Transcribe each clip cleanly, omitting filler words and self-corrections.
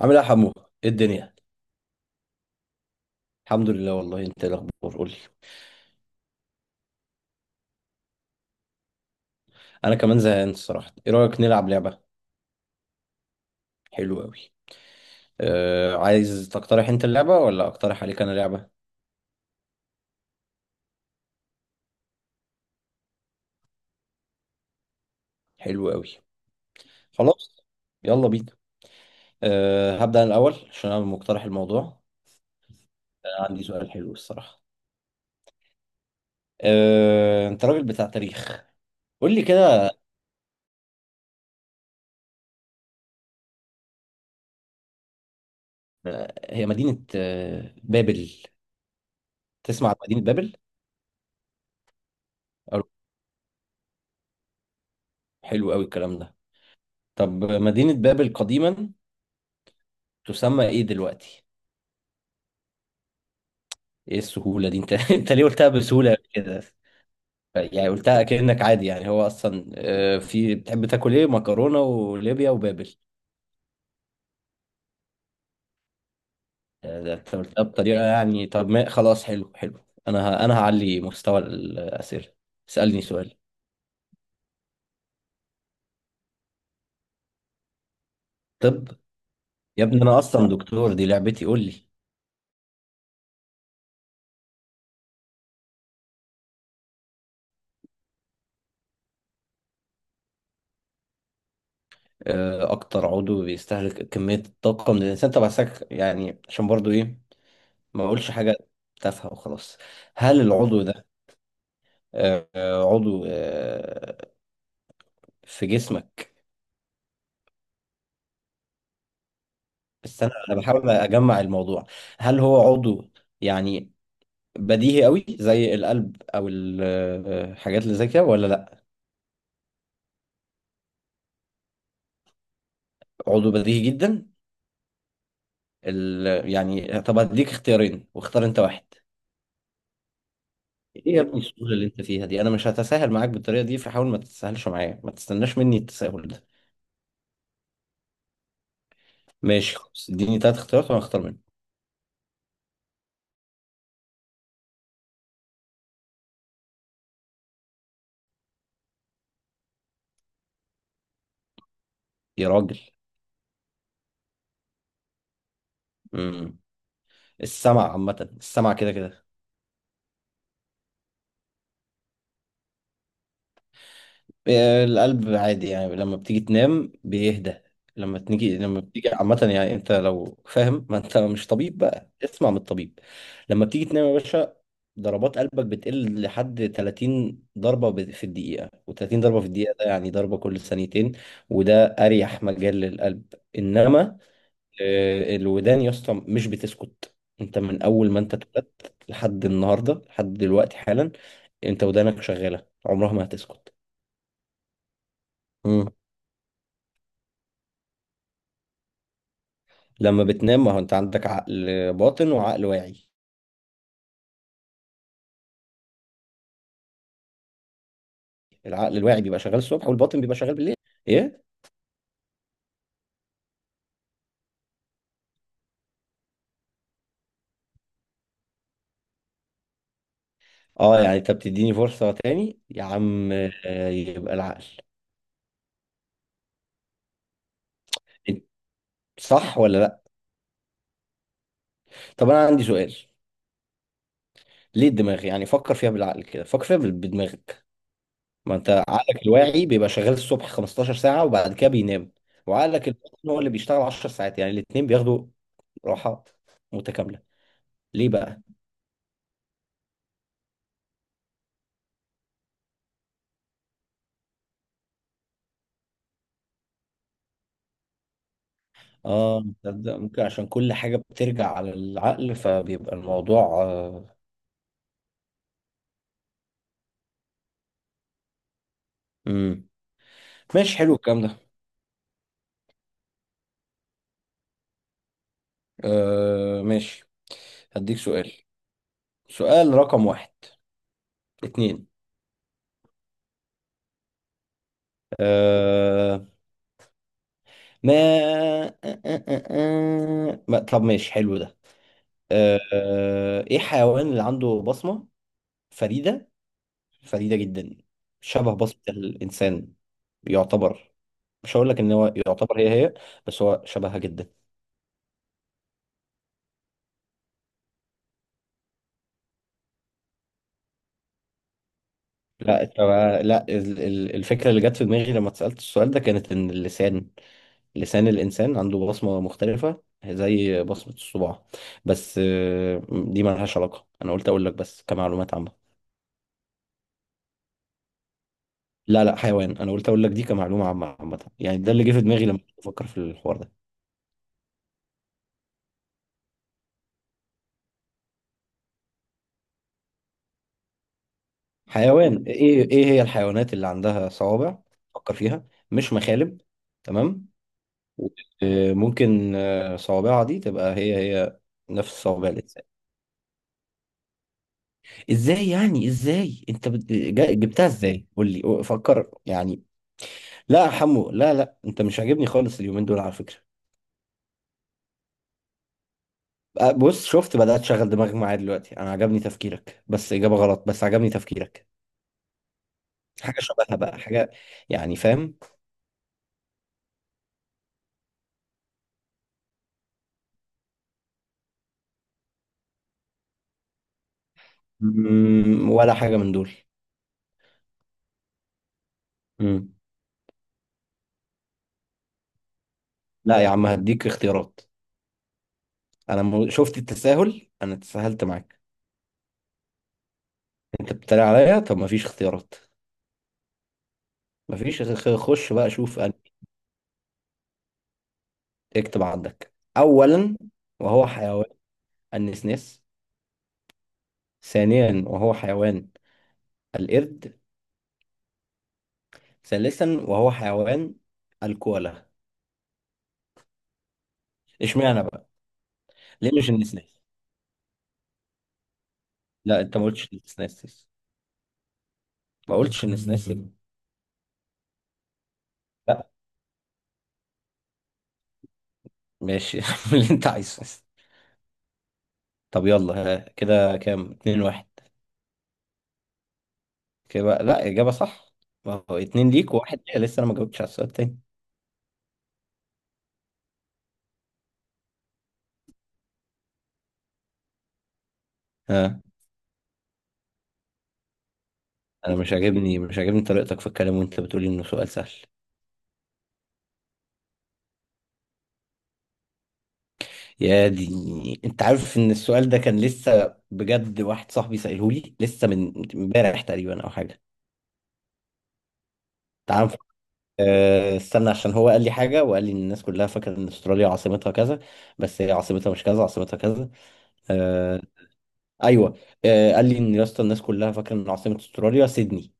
عامل ايه يا حمو؟ ايه الدنيا؟ الحمد لله، والله انت ايه الاخبار؟ قول لي. انا كمان زهقان الصراحه، ايه رايك نلعب لعبه؟ حلو قوي. عايز تقترح انت اللعبه ولا اقترح عليك انا لعبه؟ حلو قوي. خلاص، يلا بينا. هبدا انا الاول عشان انا مقترح الموضوع. عندي سؤال حلو الصراحه. انت راجل بتاع تاريخ، قول لي كده. هي مدينه بابل، تسمع عن مدينه بابل؟ أو- حلو قوي الكلام ده. طب مدينه بابل قديما تسمى ايه دلوقتي؟ ايه السهولة دي؟ انت انت ليه قلتها بسهولة كده؟ يعني قلتها كأنك عادي، يعني هو اصلا في بتحب تاكل ايه؟ مكرونة وليبيا وبابل؟ ده انت قلتها بطريقة، يعني طب ما خلاص، حلو حلو. انا هعلي مستوى الأسئلة. اسألني سؤال. طب يا ابني انا اصلا دكتور، دي لعبتي، قول لي. اكتر عضو بيستهلك كمية الطاقة من الانسان؟ طب عساك، يعني عشان برضو ايه؟ ما اقولش حاجة تافهة وخلاص. هل العضو ده عضو في جسمك؟ بس انا بحاول اجمع الموضوع، هل هو عضو يعني بديهي قوي زي القلب او الحاجات اللي زي كده ولا لا؟ عضو بديهي جدا. يعني طب هديك اختيارين واختار انت واحد. ايه يا ابني السهوله اللي انت فيها دي؟ انا مش هتساهل معاك بالطريقه دي، فحاول ما تتساهلش معايا، ما تستناش مني التساهل ده. ماشي خلاص، اديني تلات اختيارات وانا اختار منهم. يا راجل. امم السمع عامه، السمع كده كده. القلب عادي يعني لما بتيجي تنام بيهدى. لما بتيجي عامة، يعني انت لو فاهم، ما انت مش طبيب بقى اسمع من الطبيب. لما بتيجي تنام يا باشا، ضربات قلبك بتقل لحد 30 ضربة في الدقيقة، و30 ضربة في الدقيقة ده يعني ضربة كل ثانيتين، وده أريح مجال للقلب. إنما الودان يا اسطى مش بتسكت. أنت من أول ما أنت اتولدت لحد النهاردة، لحد دلوقتي حالا، أنت ودانك شغالة، عمرها ما هتسكت. لما بتنام، ما هو انت عندك عقل باطن وعقل واعي. العقل الواعي بيبقى شغال الصبح، والباطن بيبقى شغال بالليل. ايه؟ اه يعني انت بتديني فرصة تاني يا عم؟ يبقى العقل. إيه، صح ولا لا؟ طب انا عندي سؤال، ليه الدماغ يعني؟ فكر فيها بالعقل، كده فكر فيها بدماغك. ما انت عقلك الواعي بيبقى شغال الصبح 15 ساعة وبعد كده بينام، وعقلك الباطن هو اللي بيشتغل 10 ساعات، يعني الاتنين بياخدوا راحات متكاملة. ليه بقى؟ اه تصدق ممكن عشان كل حاجة بترجع على العقل، فبيبقى الموضوع. مم. ماشي، حلو الكلام ده. آه ماشي، هديك سؤال، سؤال رقم واحد. اتنين. آه ما آه آه آه آه. ما- طب ماشي، حلو ده. ايه الحيوان اللي عنده بصمة فريدة؟ فريدة جدا، شبه بصمة الإنسان. يعتبر، مش هقول لك ان هو يعتبر هي هي، بس هو شبهها جدا. لا، انت بقى- لا ال- ال- الفكره اللي جت في دماغي لما اتسالت السؤال ده كانت ان اللسان، لسان الانسان عنده بصمه مختلفه زي بصمه الصباع. بس آه، دي ما لهاش علاقه، انا قلت اقول لك بس كمعلومات عامه. لا لا حيوان، انا قلت اقول لك دي كمعلومه عامه عامه، يعني ده اللي جه في دماغي لما كنت بفكر في الحوار ده. حيوان ايه هي الحيوانات اللي عندها صوابع؟ فكر فيها، مش مخالب، تمام. ممكن صوابعها دي تبقى هي هي، نفس صوابع الانسان. ازاي يعني؟ ازاي انت جبتها؟ ازاي قول لي، فكر يعني. لا يا حمو، لا لا انت مش عاجبني خالص اليومين دول على فكرة. أه، بص شفت، بدأت تشغل دماغك معايا دلوقتي، انا عجبني تفكيرك بس إجابة غلط، بس عجبني تفكيرك. حاجة شبهها بقى، حاجة، يعني فاهم؟ ولا حاجة من دول. مم. لا يا عم، هديك اختيارات. شفت التساهل؟ انا تساهلت معاك. انت بتتريق عليا؟ طب مفيش اختيارات، مفيش خش بقى شوف أنهي. اكتب عندك، اولا وهو حيوان، النسناس. ثانيا وهو حيوان، القرد. ثالثا وهو حيوان، الكوالا. اشمعنى بقى؟ ليه مش النسناس؟ لا انت ما قلتش النسناس، ما قلتش النسناس. لا، ماشي، اعمل اللي انت عايزه. طب يلا ها، كده كام؟ اتنين واحد. كده بقى، لا اجابة صح، ما هو اتنين ليك وواحد ليا، لسه انا ما جاوبتش على السؤال التاني. ها. انا مش عاجبني طريقتك في الكلام وانت بتقولي انه سؤال سهل. يا دي، انت عارف ان السؤال ده كان لسه بجد واحد صاحبي سأله لي لسه من امبارح تقريبا او حاجه. تعال نف- آه، استنى، عشان هو قال لي حاجه وقال لي ان الناس كلها فاكره ان استراليا عاصمتها كذا، بس هي عاصمتها مش كذا، عاصمتها كذا. آه، ايوه. قال لي ان يا اسطى الناس كلها فاكره ان عاصمه استراليا سيدني.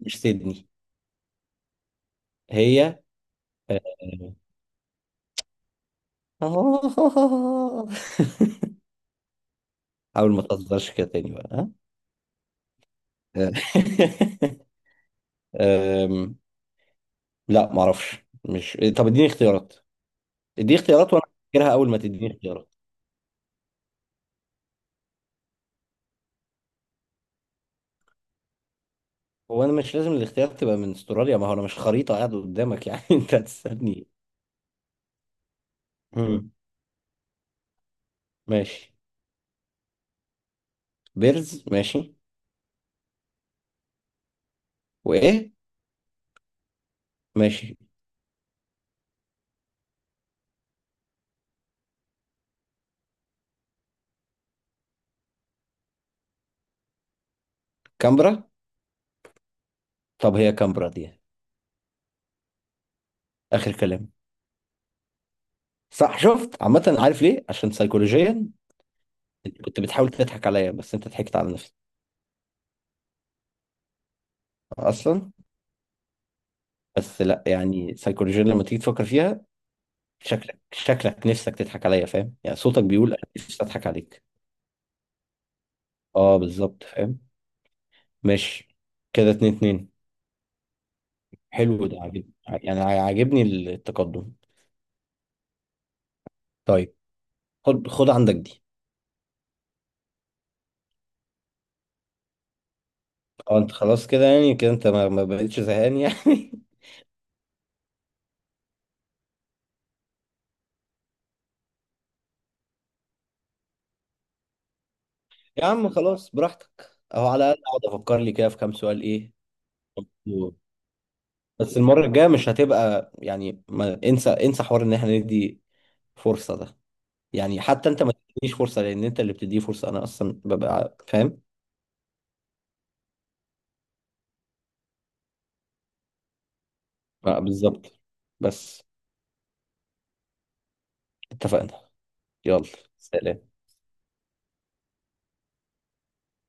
مش سيدني هي. آه، حاول ما تهزرش كده تاني بقى. ها. آه. لا معرفش، مش، طب اديني اختيارات، اديني اختيارات وانا هفتكرها اول ما تديني اختيارات. هو انا مش لازم الاختيارات تبقى من استراليا، ما هو انا مش خريطة قاعد قدامك يعني، انت هتسألني. مم. ماشي. بيرز ماشي. وايه؟ ماشي. كامبرا. طب هي كامبرا دي؟ اخر كلام. صح، شفت؟ عامة عارف ليه؟ عشان سيكولوجيا انت كنت بتحاول تضحك عليا، بس انت ضحكت على نفسك اصلا. بس لا يعني سيكولوجيا لما تيجي تفكر فيها، شكلك نفسك تضحك عليا، فاهم؟ يعني صوتك بيقول انا نفسي اضحك عليك. اه بالظبط، فاهم. ماشي، كده اتنين اتنين. حلو ده، عاجبني، يعني عاجبني التقدم. طيب، خد خد عندك دي. اه انت خلاص كده، يعني كده انت ما بقتش زهقان يعني. يا عم خلاص براحتك، اهو على الاقل اقعد افكر لي كده في كام سؤال، ايه. بس المرة الجاية مش هتبقى، يعني ما انسى انسى حوار ان احنا ندي فرصة ده، يعني حتى انت ما تدينيش فرصة، لان انت اللي بتديه فرصة انا اصلا ببقى فاهم. آه، بالظبط، بس اتفقنا. يلا، سلام.